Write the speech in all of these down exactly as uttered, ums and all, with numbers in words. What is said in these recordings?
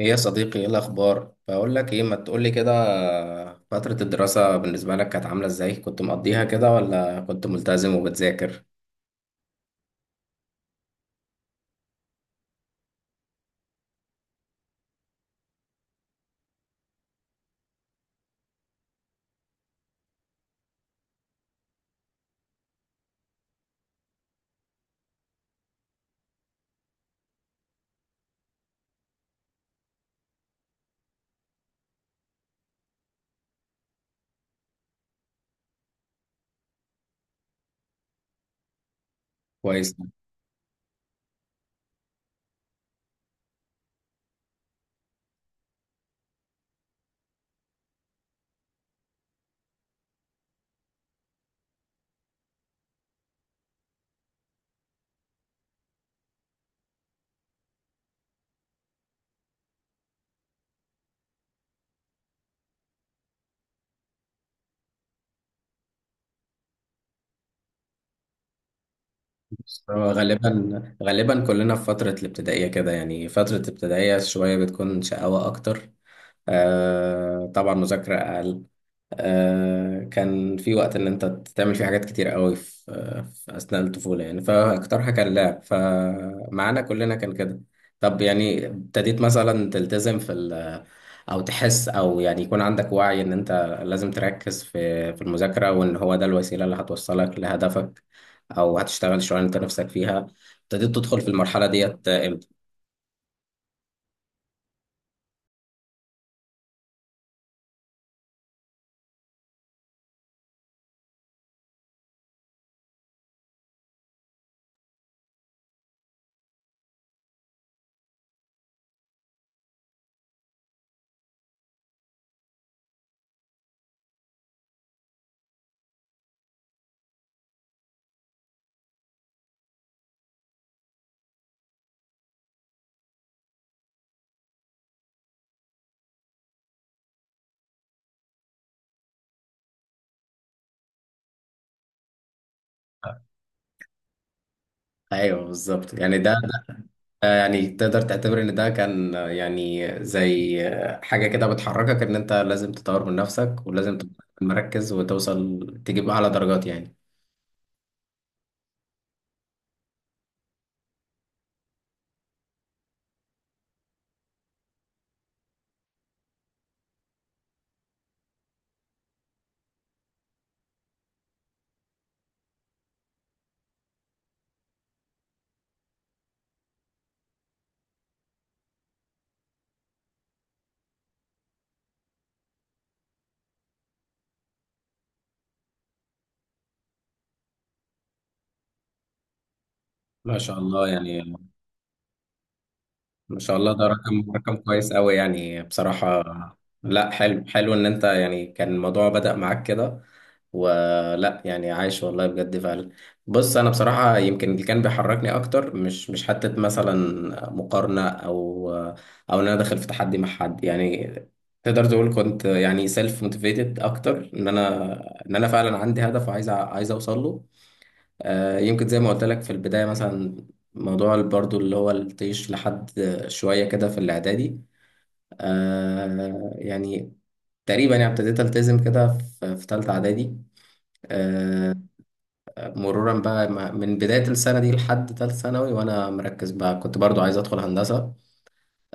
ايه يا صديقي، ايه الاخبار؟ بقول لك ايه، ما تقول لي كده. فترة الدراسة بالنسبة لك كانت عاملة ازاي؟ كنت مقضيها كده ولا كنت ملتزم وبتذاكر؟ كويس. بص، هو غالبا غالبا كلنا في فترة الابتدائية كده، يعني فترة الابتدائية شوية بتكون شقاوة أكتر. آه طبعا، مذاكرة أقل. آه، كان في وقت إن أنت تعمل فيه حاجات كتير قوي في, آه في أثناء الطفولة يعني، فأكترها كان لعب، فمعانا كلنا كان كده. طب يعني ابتديت مثلا تلتزم في ال أو تحس أو يعني يكون عندك وعي إن أنت لازم تركز في في المذاكرة، وإن هو ده الوسيلة اللي هتوصلك لهدفك، او هتشتغل شغلانه انت نفسك فيها. ابتديت تدخل في المرحله ديت امتى؟ ايوه بالظبط، يعني ده, ده. يعني تقدر تعتبر ان ده كان يعني زي حاجه كده بتحركك ان انت لازم تطور من نفسك، ولازم تبقى مركز وتوصل، تجيب اعلى درجات يعني. ما شاء الله يعني. ما شاء الله، ده رقم رقم كويس قوي يعني بصراحة. لا حلو، حلو ان انت، يعني كان الموضوع بدأ معاك كده، ولا يعني عايش؟ والله بجد فعلا. بص، انا بصراحة يمكن اللي كان بيحركني اكتر مش مش حتة مثلا مقارنة، او او ان انا داخل في تحدي مع حد يعني. تقدر تقول كنت يعني سيلف موتيفيتد اكتر، ان انا ان انا فعلا عندي هدف، وعايز أ- عايز اوصل له. آه، يمكن زي ما قلت لك في البداية مثلا موضوع برضو اللي هو الطيش لحد شوية كده في الإعدادي. آه، يعني تقريبا يعني ابتديت ألتزم كده في في تالتة إعدادي. آه، مرورا بقى، مع- من بداية السنة دي لحد تالتة ثانوي وأنا مركز بقى، كنت برضو عايز أدخل هندسة.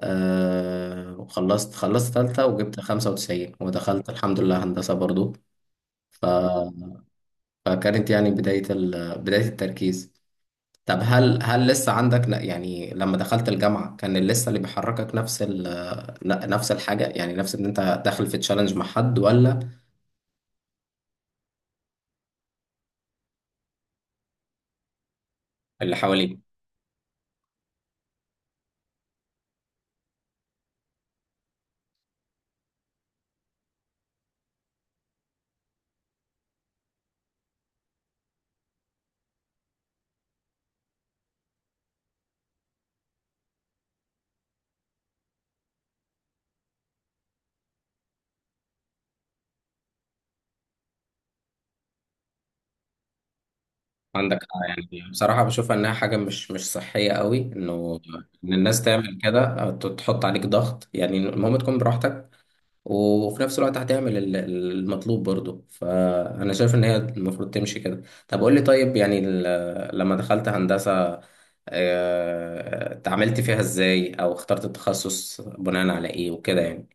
آه، وخلصت خلصت تالتة، وجبت خمسة وتسعين ودخلت الحمد لله هندسة برضو. ف... فكانت يعني بداية ال... بداية التركيز. طب هل هل لسه عندك ن- يعني لما دخلت الجامعة كان لسه اللي بيحركك نفس ال ن- نفس الحاجة؟ يعني نفس ان انت داخل في تشالنج مع حد، ولا اللي حواليك عندك؟ آه، يعني بصراحة بشوف انها حاجة مش مش صحية قوي، انه ان الناس تعمل كده. آه، ت- تحط عليك ضغط يعني. المهم تكون براحتك، وفي نفس الوقت هتعمل ال- المطلوب برضه، فأنا شايف إن هي المفروض تمشي كده. طب قول لي، طيب يعني، ال- لما دخلت هندسة، آه، اتعاملت فيها إزاي؟ أو اخترت التخصص بناء على إيه وكده يعني.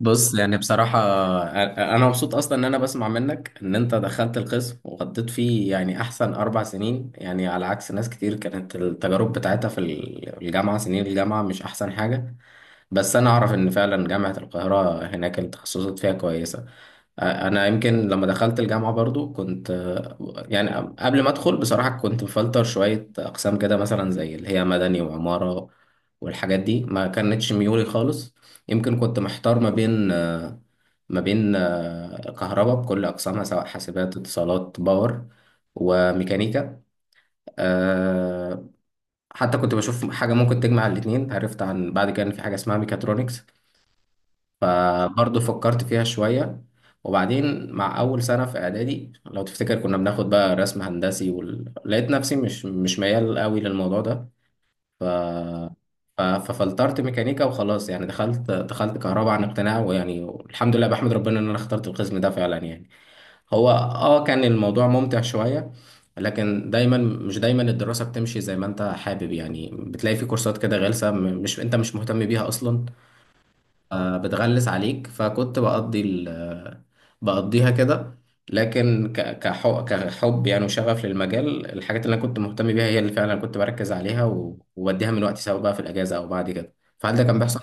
بص، يعني بصراحة، أ- أنا مبسوط أصلا إن أنا بسمع منك إن أنت دخلت القسم وقضيت فيه يعني أحسن أربع سنين، يعني على عكس ناس كتير كانت التجارب بتاعتها في الجامعة سنين الجامعة مش أحسن حاجة. بس انا اعرف ان فعلا جامعة القاهرة هناك التخصصات فيها كويسة. آه، انا يمكن لما دخلت الجامعة برضو كنت، آه، يعني قبل ما ادخل بصراحة، كنت مفلتر شوية اقسام كده، مثلا زي اللي هي مدني وعمارة والحاجات دي، ما كانتش ميولي خالص. يمكن كنت محتار ما بين آه، ما بين آه، كهرباء بكل أقسامها، سواء حاسبات، اتصالات، باور، وميكانيكا. آه، حتى كنت بشوف حاجة ممكن تجمع الاتنين، عرفت عن بعد كان في حاجة اسمها ميكاترونكس، فبرضه فكرت فيها شوية. وبعدين مع أول سنة في إعدادي لو تفتكر كنا بناخد بقى رسم هندسي، وال... لقيت نفسي مش مش ميال قوي للموضوع ده. ف... ف... ففلترت ميكانيكا وخلاص يعني، دخلت دخلت كهرباء عن اقتناع، ويعني الحمد لله بحمد ربنا إن أنا اخترت القسم ده فعلا يعني. هو آه كان الموضوع ممتع شوية، لكن دايما مش دايما الدراسة بتمشي زي ما انت حابب يعني، بتلاقي في كورسات كده غلسة، م- مش انت مش مهتم بيها اصلا، آه، بتغلس عليك، فكنت بقضي ال آه، بقضيها كده. لكن ك- كحو- كحب يعني وشغف للمجال، الحاجات اللي انا كنت مهتم بيها هي اللي فعلا كنت بركز عليها، و- وبديها من وقتي، سواء بقى في الاجازه او بعد كده. فهل ده كان بيحصل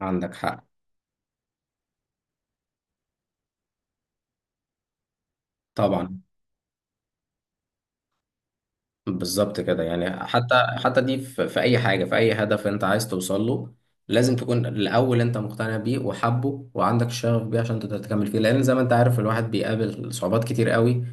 عندك؟ حق طبعا. بالظبط كده يعني، حتى حتى دي في, في اي حاجه، في اي هدف انت عايز توصل له، لازم تكون الاول انت مقتنع بيه وحبه وعندك شغف بيه عشان تقدر تكمل فيه، لان زي ما انت عارف الواحد بيقابل صعوبات كتير قوي،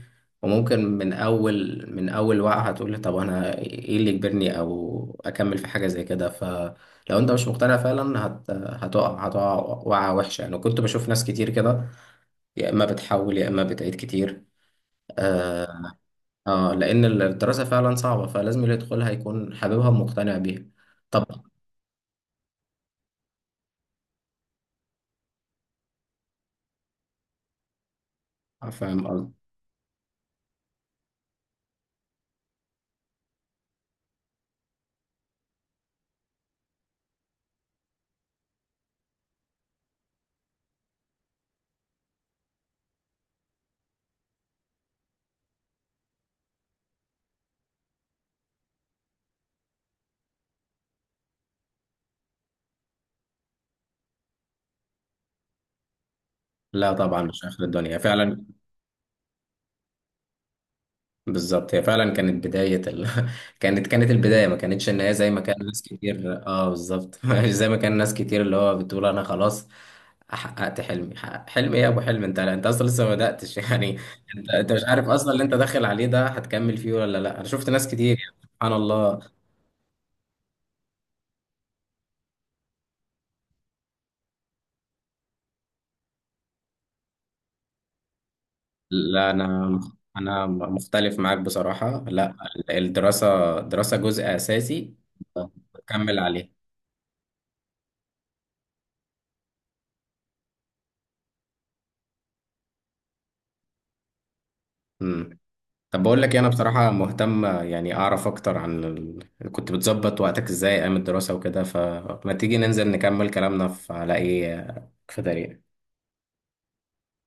وممكن من اول من اول وقعه هتقول طب انا ايه اللي يجبرني او اكمل في حاجه زي كده. فلو انت مش مقتنع فعلا هت هتقع هتقع وقعه وحشه يعني. كنت بشوف ناس كتير كده يا اما بتحول يا اما بتعيد كتير. آه، اه، لان الدراسه فعلا صعبه، فلازم اللي يدخلها يكون حاببها ومقتنع بيها. طبعا. فاهم قصدي. لا طبعا مش اخر الدنيا فعلا. بالظبط، هي فعلا كانت بدايه ال... كانت كانت البدايه، ما كانتش ان هي زي ما كان ناس كتير، اه بالظبط مش زي ما كان ناس كتير اللي هو بتقول انا خلاص حققت حلمي، حقق- حلم ايه يا ابو حلم؟ انت انت اصلا لسه ما بداتش يعني. انت انت مش عارف اصلا اللي انت داخل عليه ده هتكمل فيه ولا، لا انا شفت ناس كتير يعني سبحان الله. لا انا انا مختلف معاك بصراحة، لا الدراسة دراسة جزء اساسي بكمل عليه. امم. طب بقول لك إيه، انا بصراحة مهتم يعني اعرف اكتر عن ال... كنت بتظبط وقتك ازاي ايام الدراسة وكده؟ فما تيجي ننزل نكمل كلامنا في على ايه، في طريق.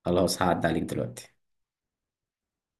خلاص، هعدي عليك دلوقتي.